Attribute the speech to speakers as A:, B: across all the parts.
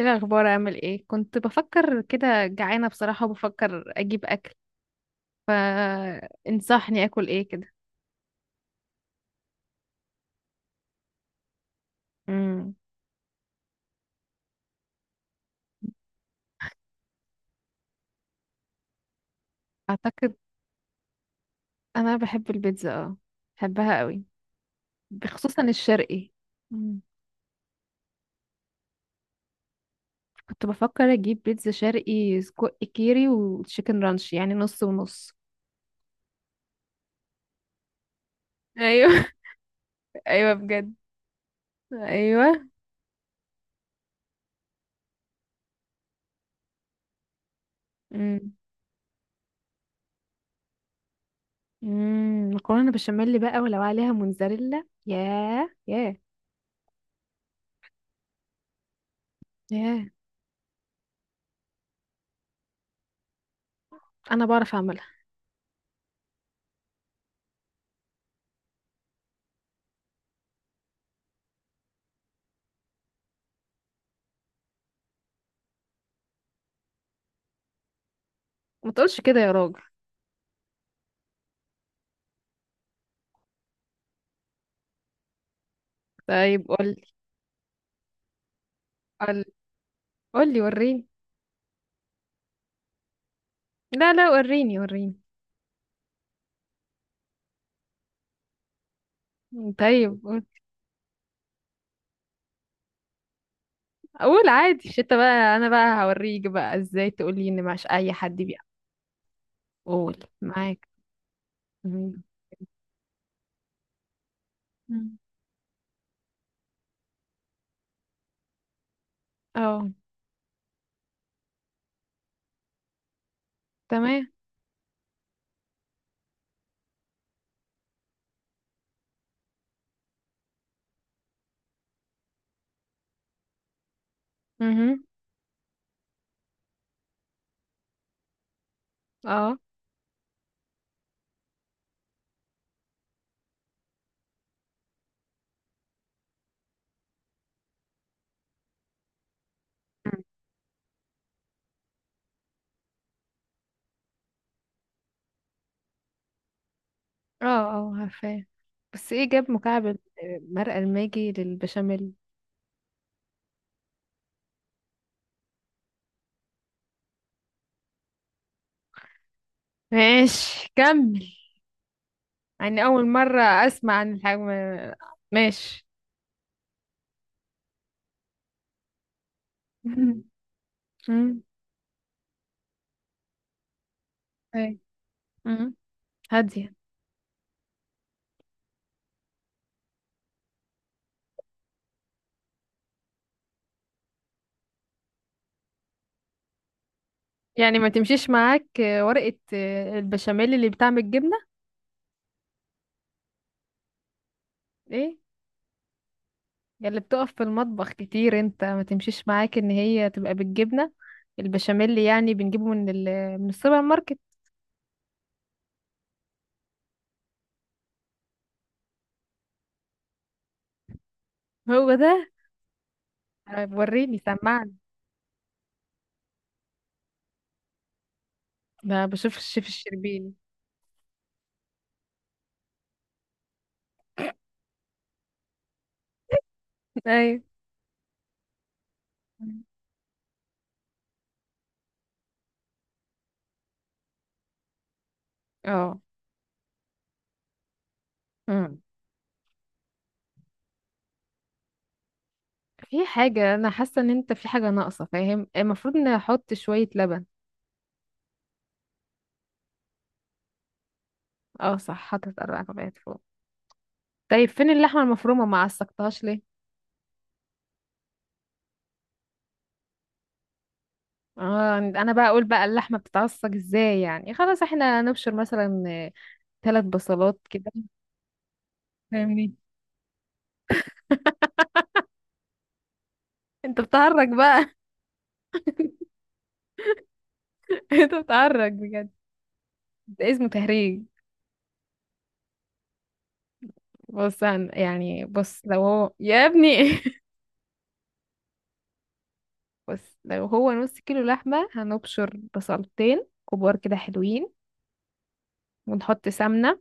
A: ايه الاخبار؟ اعمل ايه؟ كنت بفكر كده، جعانه بصراحه، وبفكر اجيب اكل، فانصحني اكل ايه كده. امم. اعتقد انا بحب البيتزا، اه، بحبها قوي، خصوصا الشرقي. مم. كنت بفكر اجيب بيتزا شرقي سجق كيري وتشيكن رانش، يعني نص ونص. ايوه. ايوه بجد. ايوه. امم. مكرونه بشاميل بقى، ولو عليها موتزاريلا، ياه ياه. ياه. انا بعرف اعملها. ما تقولش كده يا راجل. طيب قول. قول، قولي وريني. لا لا، وريني وريني. طيب قول. اقول عادي؟ مش انت بقى، انا بقى هوريك بقى ازاي، تقولي ان مش اي حد بيقى. قول معاك. مم. مم. اه. تمام. مهم. اه. مم. اه، اه عارفاه. بس ايه جاب مكعب مرقة الماجي للبشاميل؟ ماشي كمل. يعني اول مرة اسمع عن الحجم. ماشي. مم. مم. أي. مم. هادية. يعني ما تمشيش معاك، ورقة، البشاميل اللي بتعمل جبنة؟ ايه. يا اللي بتقف في المطبخ كتير، انت ما تمشيش معاك ان هي تبقى بالجبنة؟ البشاميل اللي يعني بنجيبه من السوبر ماركت. هو ده. وريني سمعني. ده بشوف الشيف الشربيني. ايوه. اه. أمم. في حاجة، انا حاسة ان انت في حاجة ناقصة، فاهم؟ المفروض ان احط شوية لبن. اه صح، حطيت 4 كوبايات فوق. طيب فين اللحمة المفرومة؟ ما عصقتهاش. اه، انا بقى اقول بقى اللحمه بتتعصج ازاي، يعني خلاص احنا نبشر مثلا 3 بصلات كده. فاهمني؟ انت بتهرج بقى. انت بتهرج بجد. ده اسمه تهريج. بص يعني بص لو هو يا ابني. بص لو هو نص كيلو لحمه، هنبشر بصلتين كبار كده حلوين. ونحط سمنه.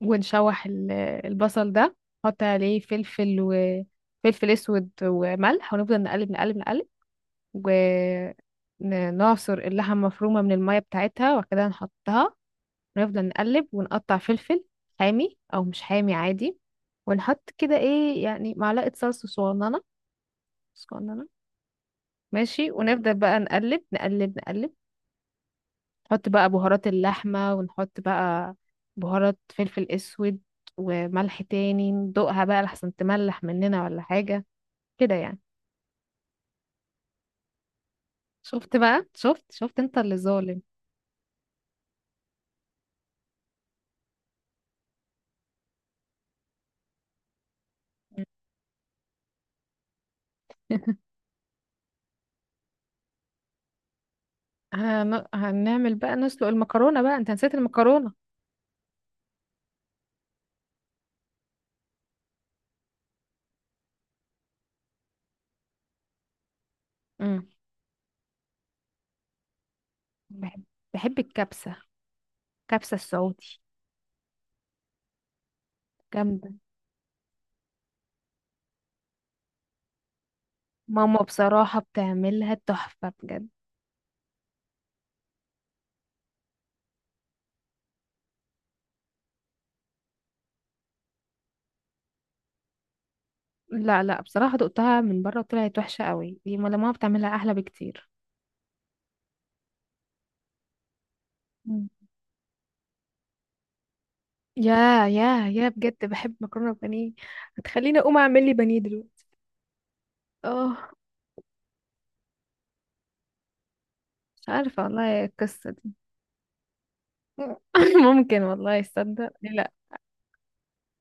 A: ونشوح البصل ده. نحط عليه فلفل، وفلفل اسود وملح، ونفضل نقلب نقلب نقلب. ونعصر اللحمة المفرومة من المية بتاعتها، وبعد كده نحطها. ونفضل نقلب، ونقطع فلفل حامي أو مش حامي عادي. ونحط كده ايه يعني، معلقة صلصة صغننة صغننة. ماشي. ونفضل بقى نقلب نقلب نقلب. نحط بقى بهارات اللحمة، ونحط بقى بهارات فلفل أسود وملح تاني. ندوقها بقى لحسن تملح مننا ولا حاجة. كده يعني. شفت بقى؟ شفت انت اللي ظالم. هنعمل بقى نسلق المكرونة بقى، انت نسيت المكرونة. امم. بحب، بحب الكبسة، كبسة السعودي، جامدة. ماما بصراحة بتعملها تحفة بجد. لا لا، بصراحة دقتها من بره وطلعت وحشة قوي، دي ما ماما بتعملها أحلى بكتير. مم. يا يا بجد بحب مكرونة بانيه. هتخليني أقوم أعمل لي بانيه دلوقتي. اه. مش عارفة والله، القصة دي. ممكن والله، يصدق، ليه لا؟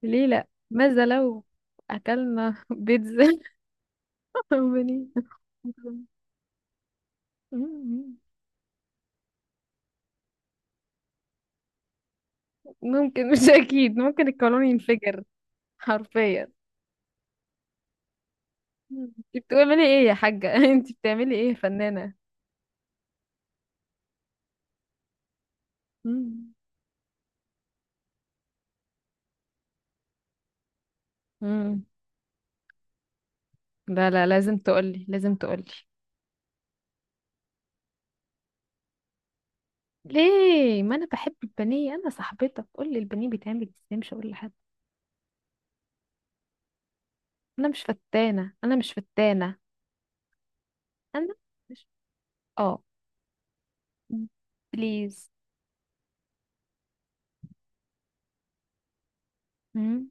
A: ليه لا؟ ماذا لو أكلنا بيتزا وبانيه. مم. ممكن، مش اكيد، ممكن القانون ينفجر حرفيا. مم. انت بتعملي ايه يا حاجة؟ انت بتعملي ايه يا فنانة؟ مم. مم. لا لا، لازم تقولي، لازم تقولي. ليه؟ ما انا بحب البانيه، انا صاحبتك، قولي البانيه بيتعمل ازاي، مش هقول لحد. انا مش فتانة، انا مش فتانة. انا مش، اه، بليز. مم.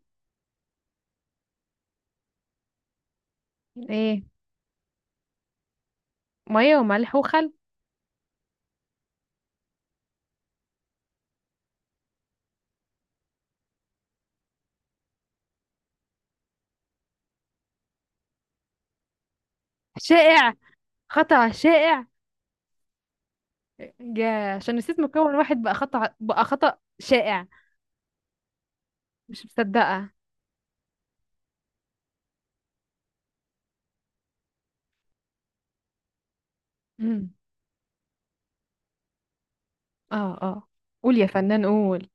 A: ايه؟ مية وملح وخل. شائع خطأ شائع. يا، عشان نسيت مكون واحد بقى خطأ، بقى خطأ شائع. مش مصدقة. امم. اه اه. قول يا فنان، قول.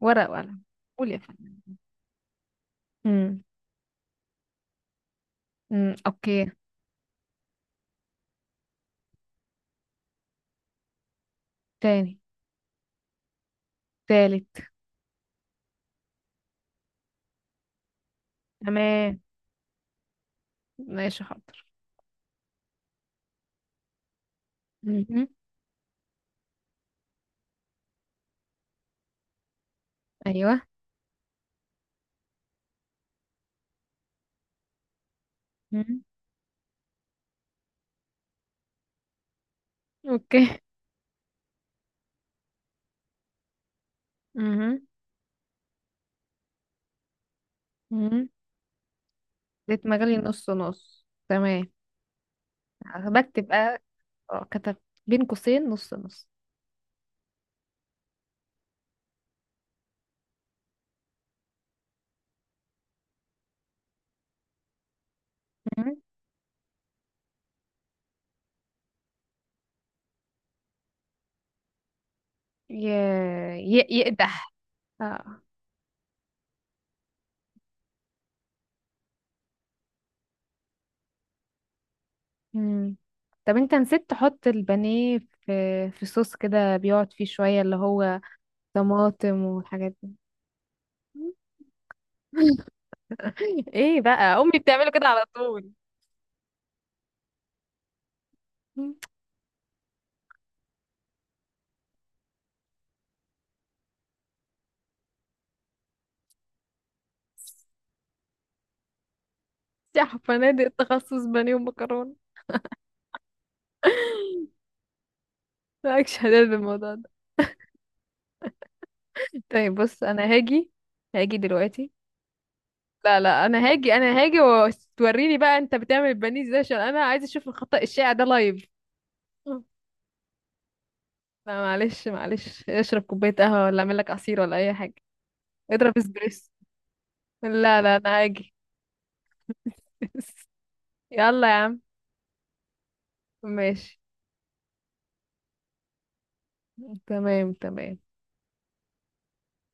A: ورق وقلم. قول يا فنان. امم. امم، اوكي. تاني. تالت. تمام، ماشي، حاضر. امم. ايوه. امم. اوكي. امم. امم. زيت مغلي نص نص، تمام. بكتب بقى. اه كتب. بين قوسين نص نص. امم. ي... يقدح. اه. مم. طب انت نسيت تحط البانيه في صوص كده بيقعد فيه شوية، اللي هو طماطم والحاجات دي. ايه بقى، امي بتعمله كده على طول. يا فنادق، تخصص بانيه ومكرونه. مالكش هدال بالموضوع ده. طيب بص، انا هاجي. هاجي دلوقتي. لا لا، انا هاجي، انا هاجي، وتوريني بقى انت بتعمل البانيه ازاي، عشان انا عايزه اشوف الخطأ الشائع ده لايف. لا معلش معلش، اشرب كوبايه قهوه، ولا اعمل لك عصير، ولا اي حاجه. اضرب اسبريسو. لا لا، انا هاجي. يلا يا عم. ماشي. تمام تمام.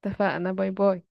A: اتفقنا. باي باي.